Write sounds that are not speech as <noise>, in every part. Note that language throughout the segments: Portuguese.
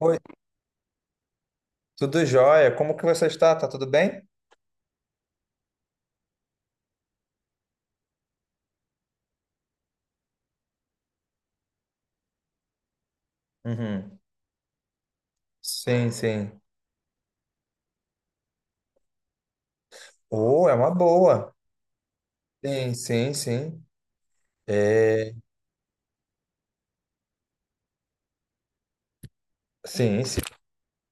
Oi, tudo jóia? Como que você está? Tá tudo bem? Uhum. Sim. Oh, é uma boa. Sim. É, sim.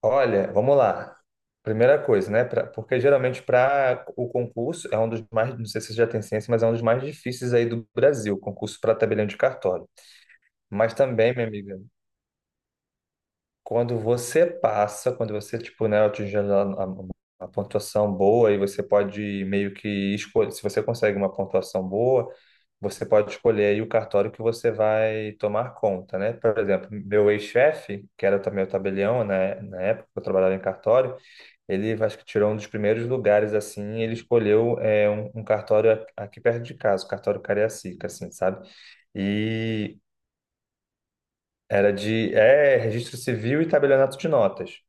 Olha, vamos lá. Primeira coisa, né? Porque geralmente para o concurso é um dos mais, não sei se você já tem ciência, mas é um dos mais difíceis aí do Brasil, concurso para tabelião de cartório. Mas também, minha amiga, quando você passa, quando você, tipo, né, atinge a pontuação boa e você pode meio que escolher, se você consegue uma pontuação boa, você pode escolher aí o cartório que você vai tomar conta, né? Por exemplo, meu ex-chefe, que era também o tabelião, né, na época que eu trabalhava em cartório, ele acho que tirou um dos primeiros lugares, assim, ele escolheu um cartório aqui perto de casa, o cartório Cariacica, assim, sabe? E era de registro civil e tabelionato de notas.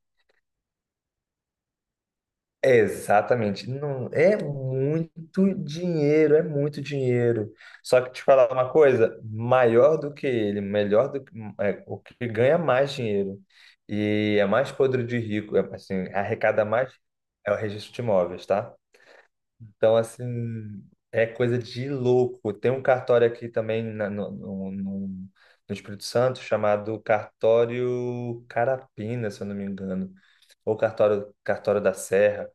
Exatamente. Não, é muito dinheiro, é muito dinheiro. Só que te falar uma coisa, maior do que ele, melhor do que o que ganha mais dinheiro e é mais podre de rico, é, assim, arrecada mais é o registro de imóveis, tá? Então, assim, é coisa de louco. Tem um cartório aqui também no Espírito Santo chamado Cartório Carapina, se eu não me engano, ou Cartório da Serra,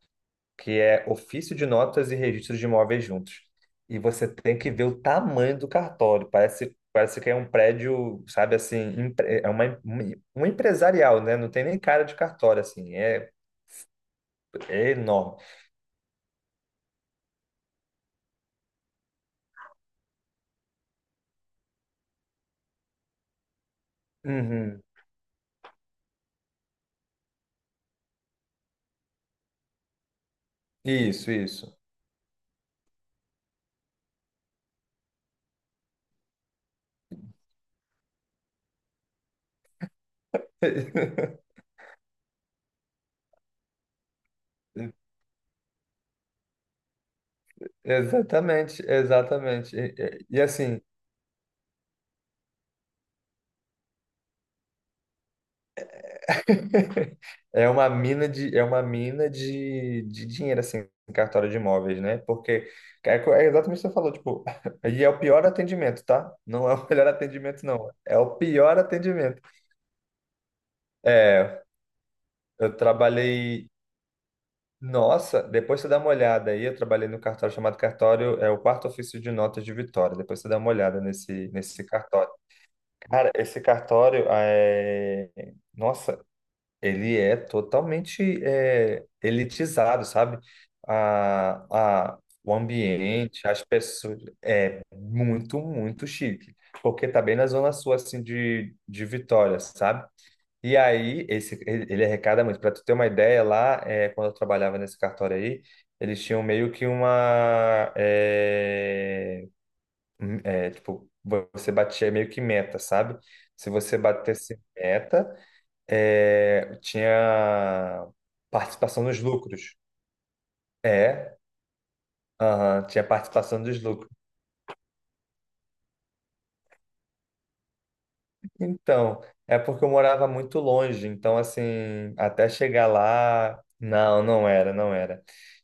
que é ofício de notas e registro de imóveis juntos. E você tem que ver o tamanho do cartório. Parece que é um prédio, sabe, assim, é um empresarial, né? Não tem nem cara de cartório, assim. É enorme. Uhum. Isso. <laughs> Exatamente. E, assim, <laughs> É uma mina de, é uma mina de dinheiro, assim, em cartório de imóveis, né? Porque é exatamente o que você falou, tipo, <laughs> e é o pior atendimento, tá? Não é o <laughs> melhor atendimento, não. É o pior atendimento. É, eu trabalhei. Nossa, depois você dá uma olhada aí. Eu trabalhei no cartório chamado é o quarto ofício de notas de Vitória. Depois você dá uma olhada nesse cartório. Cara, esse cartório é. Nossa, ele é totalmente elitizado, sabe? O ambiente, as pessoas, é muito chique, porque tá bem na zona sul, assim, de Vitória, sabe? E aí, esse, ele arrecada muito. Para tu ter uma ideia, lá, é, quando eu trabalhava nesse cartório aí, eles tinham meio que tipo, você batia meio que meta, sabe? Se você batesse meta, é, tinha participação nos lucros. É, aham, tinha participação dos lucros. Então, é porque eu morava muito longe, então assim, até chegar lá, não era, não era.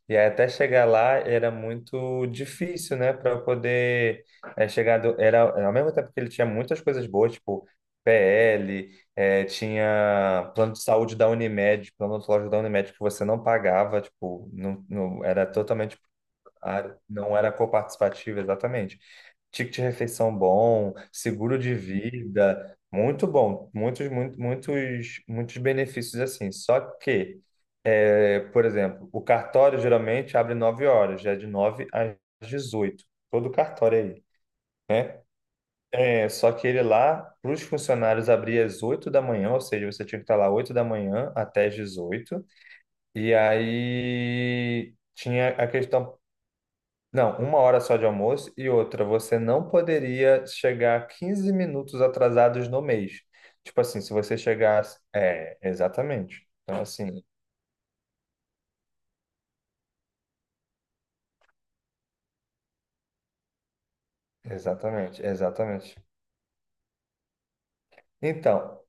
E aí, até chegar lá era muito difícil, né, para eu poder era ao mesmo tempo que ele tinha muitas coisas boas, tipo PL, é, tinha plano de saúde da Unimed, plano odontológico da Unimed que você não pagava, tipo, não, era totalmente. Ah, não era coparticipativa, exatamente. Ticket de refeição bom, seguro de vida, muito bom, muitos benefícios assim. Só que, é, por exemplo, o cartório geralmente abre 9 horas, já é de 9 às dezoito, todo cartório é aí, né? É, só que ele lá, para os funcionários, abria às 8 da manhã, ou seja, você tinha que estar lá 8 da manhã até às 18, e aí tinha a questão. Não, uma hora só de almoço e outra, você não poderia chegar 15 minutos atrasados no mês. Tipo assim, se você chegasse. É, exatamente. Então, assim, exatamente. Então,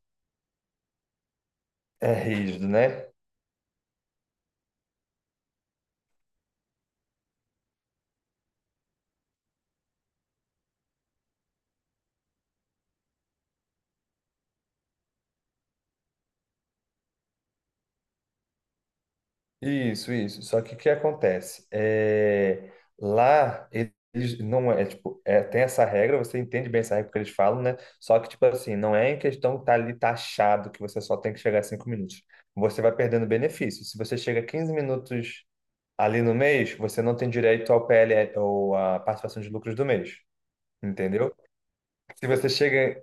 é rígido, né? Isso. Só que o que acontece? É, lá eles não é tipo, é, tem essa regra, você entende bem essa regra que eles falam, né? Só que tipo assim, não é em questão que tá ali taxado que você só tem que chegar a 5 minutos. Você vai perdendo benefício. Se você chega a 15 minutos ali no mês, você não tem direito ao PL ou à participação de lucros do mês, entendeu? Se você chega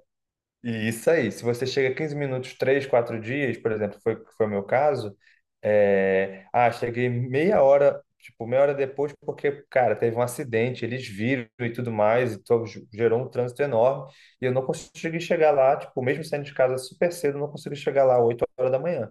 e isso aí, se você chega 15 minutos, 3 4 dias, por exemplo, foi, foi o meu caso, cheguei meia hora, tipo, meia hora depois, porque, cara, teve um acidente, eles viram e tudo mais, então gerou um trânsito enorme, e eu não consegui chegar lá, tipo, mesmo saindo de casa super cedo, eu não consegui chegar lá 8 horas da manhã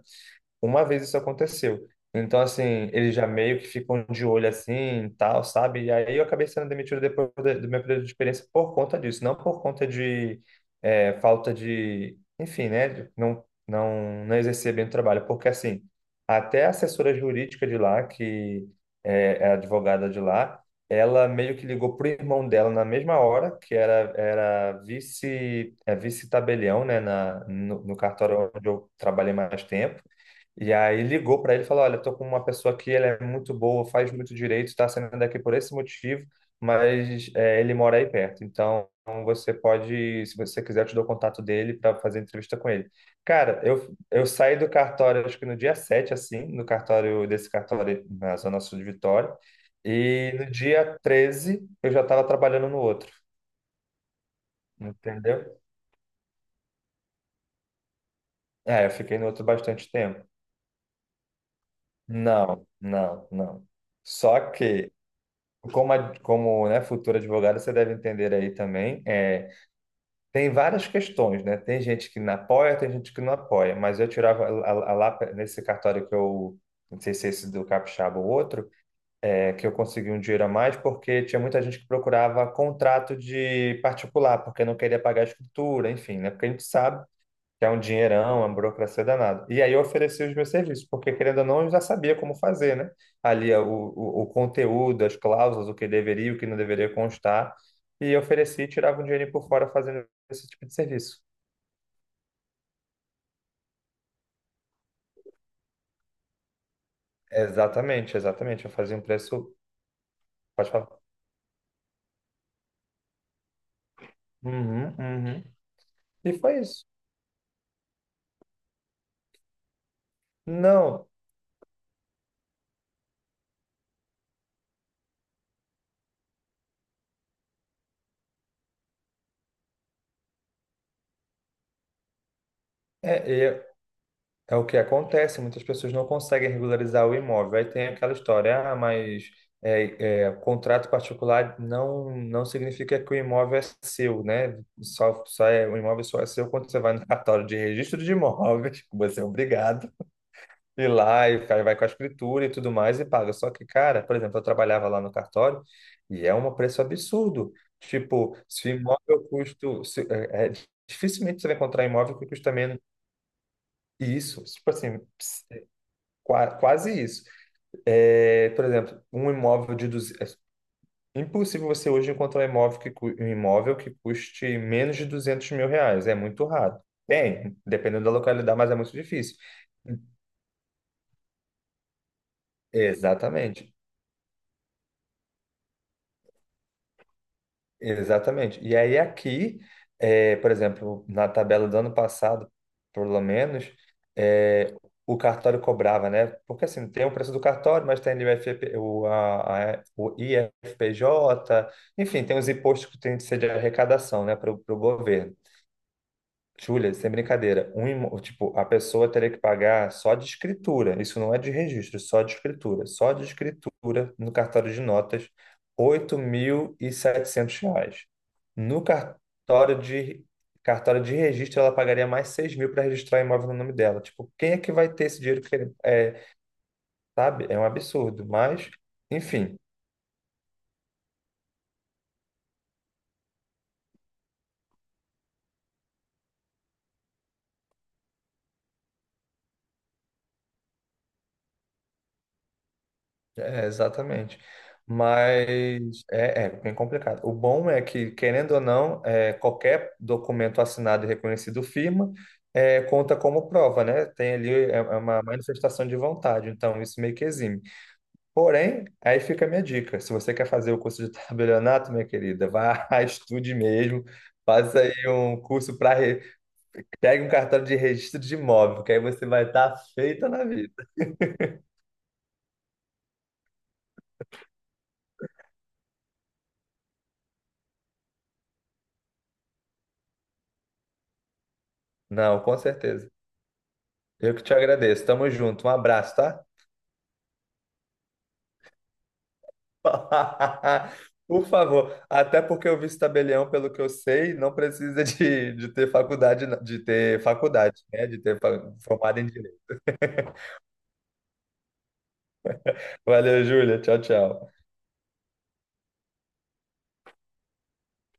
uma vez isso aconteceu. Então, assim, eles já meio que ficam de olho assim, e tal, sabe? E aí eu acabei sendo demitido depois do meu período de experiência por conta disso, não por conta de falta de, enfim, né? de Não, não, não exercer bem o trabalho, porque assim, até a assessora jurídica de lá, que é a advogada de lá, ela meio que ligou pro irmão dela na mesma hora, que era vice, vice-tabelião, né, na, no, no cartório onde eu trabalhei mais tempo. E aí ligou para ele e falou: Olha, tô com uma pessoa aqui, ela é muito boa, faz muito direito, está saindo daqui por esse motivo, mas é, ele mora aí perto. Então você pode, se você quiser, eu te dou o contato dele para fazer entrevista com ele. Cara, eu saí do cartório, acho que no dia 7 assim, no cartório desse cartório na Zona Sul de Vitória, e no dia 13 eu já estava trabalhando no outro, entendeu? É, eu fiquei no outro bastante tempo. Não. Só que Como, como, né, futuro advogado, você deve entender aí também. É, tem várias questões, né? Tem gente que não apoia, tem gente que não apoia. Mas eu tirava a lá nesse cartório que eu, não sei se é esse do Capixaba ou outro, é, que eu consegui um dinheiro a mais porque tinha muita gente que procurava contrato de particular, porque não queria pagar a escritura, enfim, né? Porque a gente sabe que é um dinheirão, é uma burocracia danada. E aí eu ofereci os meus serviços, porque querendo ou não, eu já sabia como fazer, né? Ali ó, o conteúdo, as cláusulas, o que deveria, o que não deveria constar, e eu ofereci e tirava um dinheiro por fora fazendo esse tipo de serviço. Exatamente. Eu fazia um preço. Pode falar. Uhum. E foi isso. Não, é, é o que acontece, muitas pessoas não conseguem regularizar o imóvel. Aí tem aquela história, ah, mas contrato particular não significa que o imóvel é seu, né? O imóvel só é seu quando você vai no cartório de registro de imóveis, <laughs> que você é obrigado ir lá e o cara vai com a escritura e tudo mais e paga. Só que, cara, por exemplo, eu trabalhava lá no cartório e é um preço absurdo. Tipo, se o imóvel custa, se- é, é, dificilmente você vai encontrar imóvel que custa menos. Isso, tipo assim, Quase isso. É, por exemplo, um imóvel de 200... É impossível você hoje encontrar um imóvel um imóvel que custe menos de R$ 200.000. É muito raro. Tem, dependendo da localidade, mas é muito difícil. Exatamente. Exatamente. E aí aqui, eh, por exemplo, na tabela do ano passado, pelo menos, eh, o cartório cobrava, né? Porque assim, tem o preço do cartório, mas tem ali FP, o IFPJ, enfim, tem os impostos que tem de ser de arrecadação, né, para o governo. Júlia, sem brincadeira, tipo, a pessoa teria que pagar só de escritura, isso não é de registro, só de escritura no cartório de notas, R$ 8.700. No cartório de registro, ela pagaria mais 6.000 para registrar o imóvel no nome dela. Tipo, quem é que vai ter esse dinheiro que ele, é, sabe? É um absurdo, mas, enfim. É, exatamente. Mas é, é bem complicado. O bom é que, querendo ou não, é, qualquer documento assinado e reconhecido firma é, conta como prova, né? Tem ali é uma manifestação de vontade, então isso meio que exime. Porém, aí fica a minha dica. Se você quer fazer o curso de <laughs> tabelionato, minha querida, vá, <laughs> estude mesmo, faça aí um curso para... Pegue um cartório de registro de imóvel, que aí você vai estar feita na vida. Não, com certeza. Eu que te agradeço. Tamo junto. Um abraço, tá? <laughs> Por favor. Até porque o vice-tabelião, pelo que eu sei, não precisa de ter faculdade, né? De ter formado em direito. <laughs> Valeu, Júlia. Tchau.